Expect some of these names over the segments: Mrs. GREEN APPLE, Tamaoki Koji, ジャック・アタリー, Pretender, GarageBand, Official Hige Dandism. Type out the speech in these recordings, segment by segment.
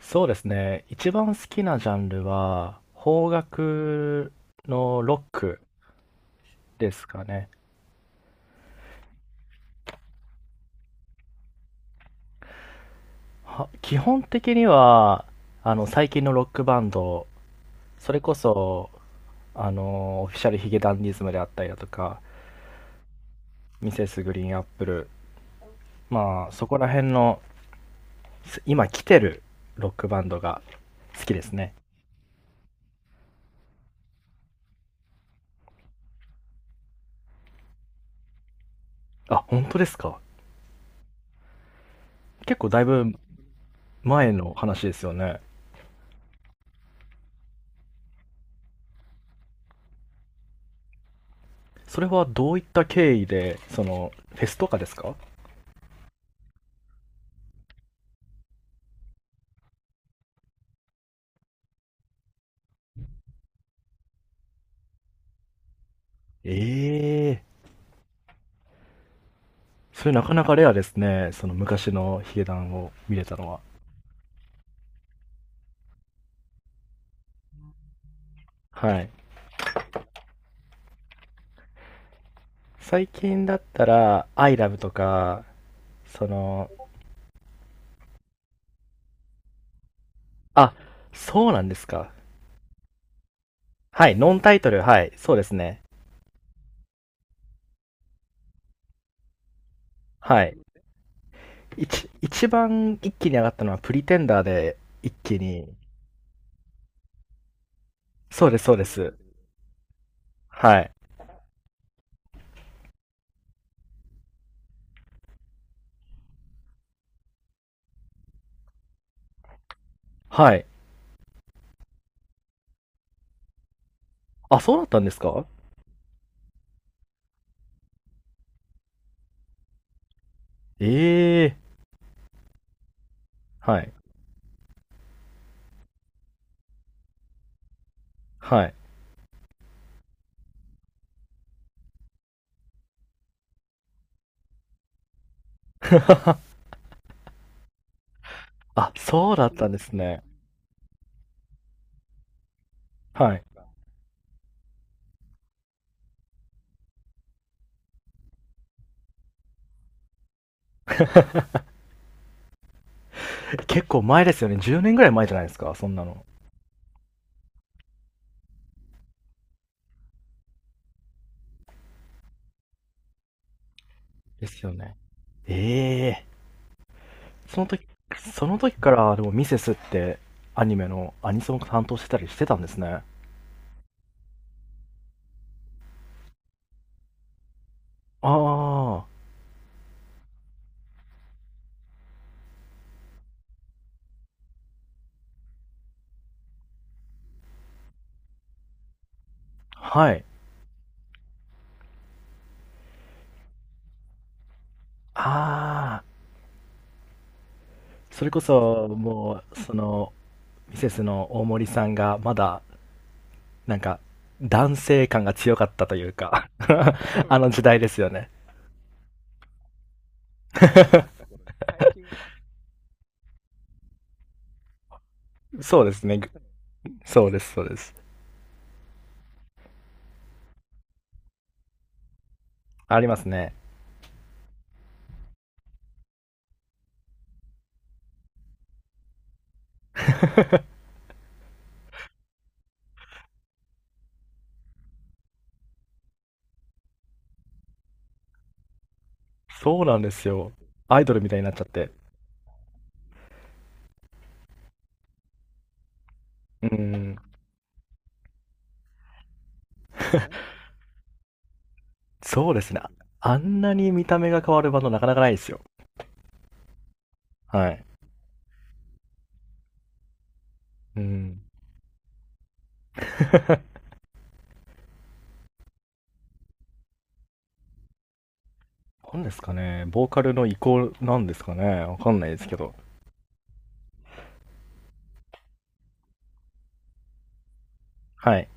そうですね。一番好きなジャンルは、邦楽のロックですかね。基本的には、最近のロックバンド、それこそ、オフィシャルヒゲダンディズムであったりだとか、ミセスグリーンアップル、まあ、そこら辺の、今来てるロックバンドが好きですね。あ、本当ですか。結構だいぶ前の話ですよね。それはどういった経緯で、フェスとかですか？ええ。それなかなかレアですね。その昔のヒゲダンを見れたのは。はい。最近だったら、アイラブとか、その、あ、そうなんですか。はい、ノンタイトル、はい、そうですね。はい。一番一気に上がったのはプリテンダーで一気に。そうです、そうです。はい。はい。あ、そうだったんですか？ええ。はい。はい。あ、そうだったんですね。はい。結構前ですよね。10年ぐらい前じゃないですか、そんなの。ですよね。ええ。その時、その時からでもミセスってアニメのアニソンを担当してたりしてたんですね。ああ、はい。ああ、それこそもう、ミセスの大森さんがまだ、なんか、男性感が強かったというか あの時代ですよね。そうですね。そうです、そうです。ありますね。そうなんですよ。アイドルみたいになっちゃって。うん。そうですね。あんなに見た目が変わるバンドなかなかないですよ。はい。うん。なんですかね、ボーカルの移行なんですかね、わかんないですけど。はい。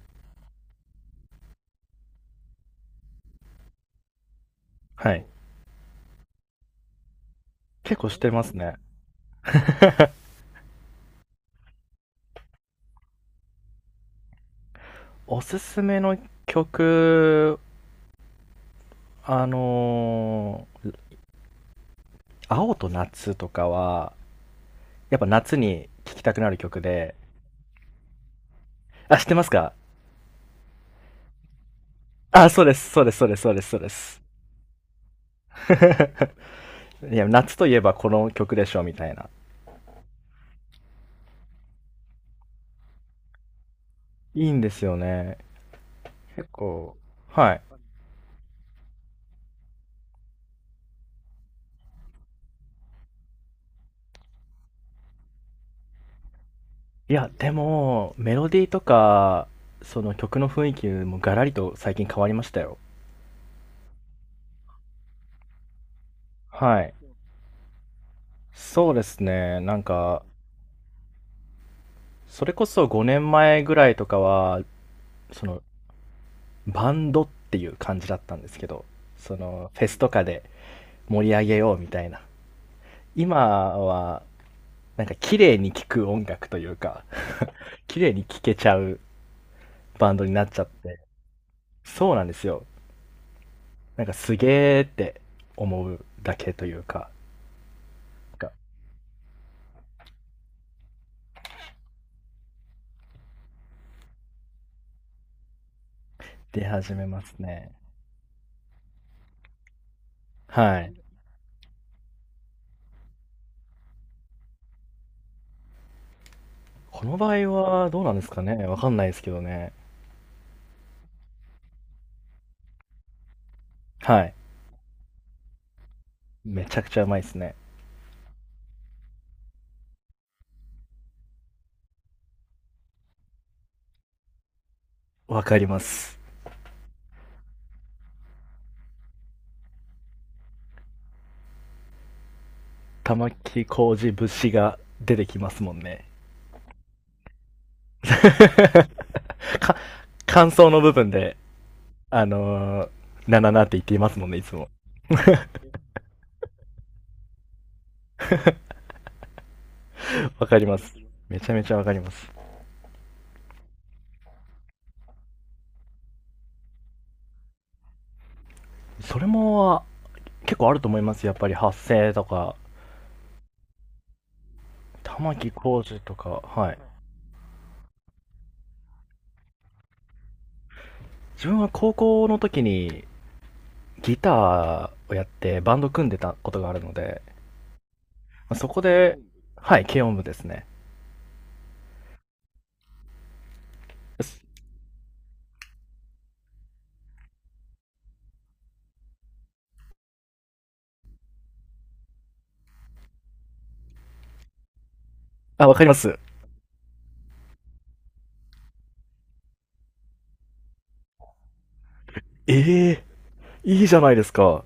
はい。結構してますね。おすすめの曲、あのー青と夏とかは、やっぱ夏に聴きたくなる曲で、あ、知ってますか？あ、そうです、そうです、そうです、そうです、そうです。いや、夏といえばこの曲でしょ、みたいな。いいんですよね。結構、はい。いや、でも、メロディーとか、その曲の雰囲気もガラリと最近変わりましたよ。はい。そうですね。なんか、それこそ5年前ぐらいとかは、その、バンドっていう感じだったんですけど、フェスとかで盛り上げようみたいな。今は、なんか綺麗に聴く音楽というか、綺麗に聴けちゃうバンドになっちゃって、そうなんですよ。なんかすげーって思うだけというか出始めますね。はい。この場合はどうなんですかね、わかんないですけどね。はい。めちゃくちゃうまいですね。わかります。玉木浩二節が出てきますもんね。か、感想の部分で、あのー、なななって言っていますもんね、いつも。わかります。めちゃめちゃわかります。それも、結構あると思います。やっぱり発声とか、玉木浩二とか、はい。自分は高校の時にギターをやってバンド組んでたことがあるので、そこで、はい、軽音部ですね。あ、わかります。ええ。いいじゃないですか。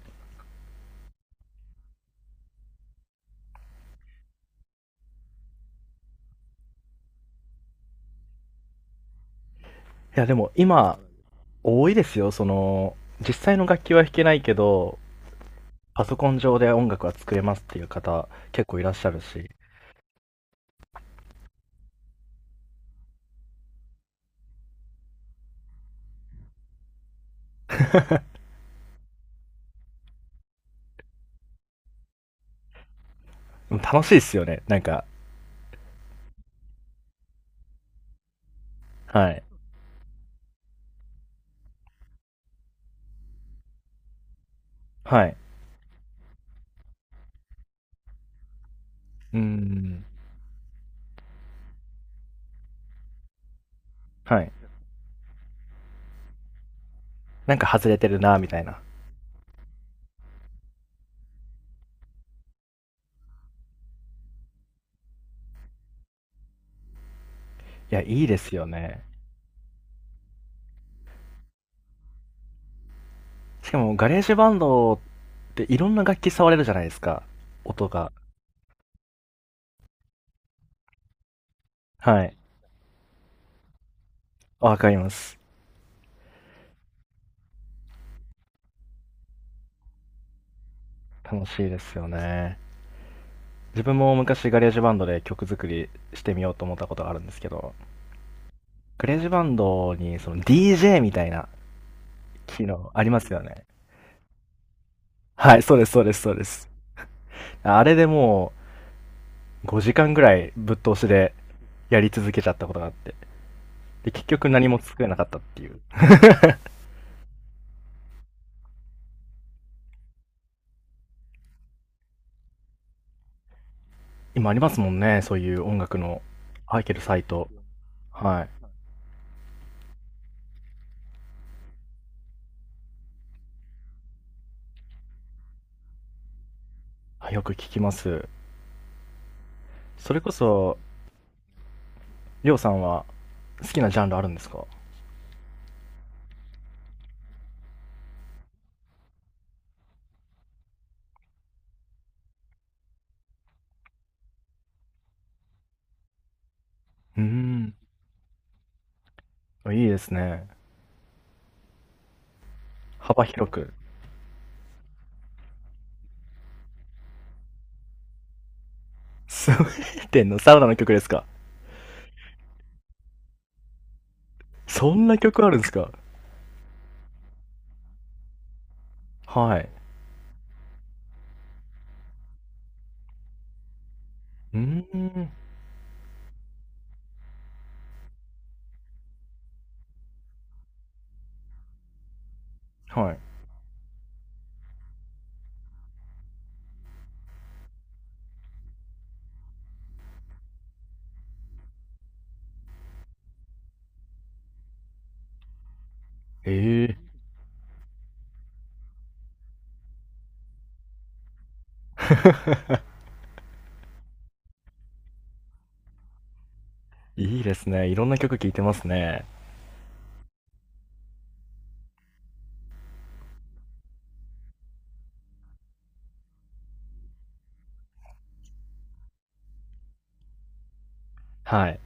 いや、でも今、多いですよ。実際の楽器は弾けないけど、パソコン上で音楽は作れますっていう方、結構いらっしゃるし。うん。楽しいですよね。なんか、はい。はい。うん。はい。なんか外れてるな、みたいな。いや、いいですよね。しかも、ガレージバンドっていろんな楽器触れるじゃないですか。音が。はい。わかります。楽しいですよね。自分も昔ガレージバンドで曲作りしてみようと思ったことがあるんですけど、ガレージバンドにその DJ みたいな機能ありますよね。はい、そうです、そうです、そうです。あれでもう5時間ぐらいぶっ通しでやり続けちゃったことがあって。で、結局何も作れなかったっていう。今ありますもんね、そういう音楽の入ってるサイト。はい。あ、よく聞きます。それこそ、りょうさんは好きなジャンルあるんですか？うーん。あ、いいですね。幅広く。スウェーデンのサウナの曲ですか？そんな曲あるんですか？はい。うーん。はい。ええ。いいですね。いろんな曲聴いてますね。はい。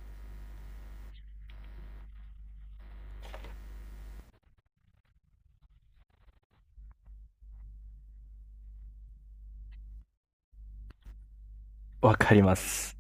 わかります。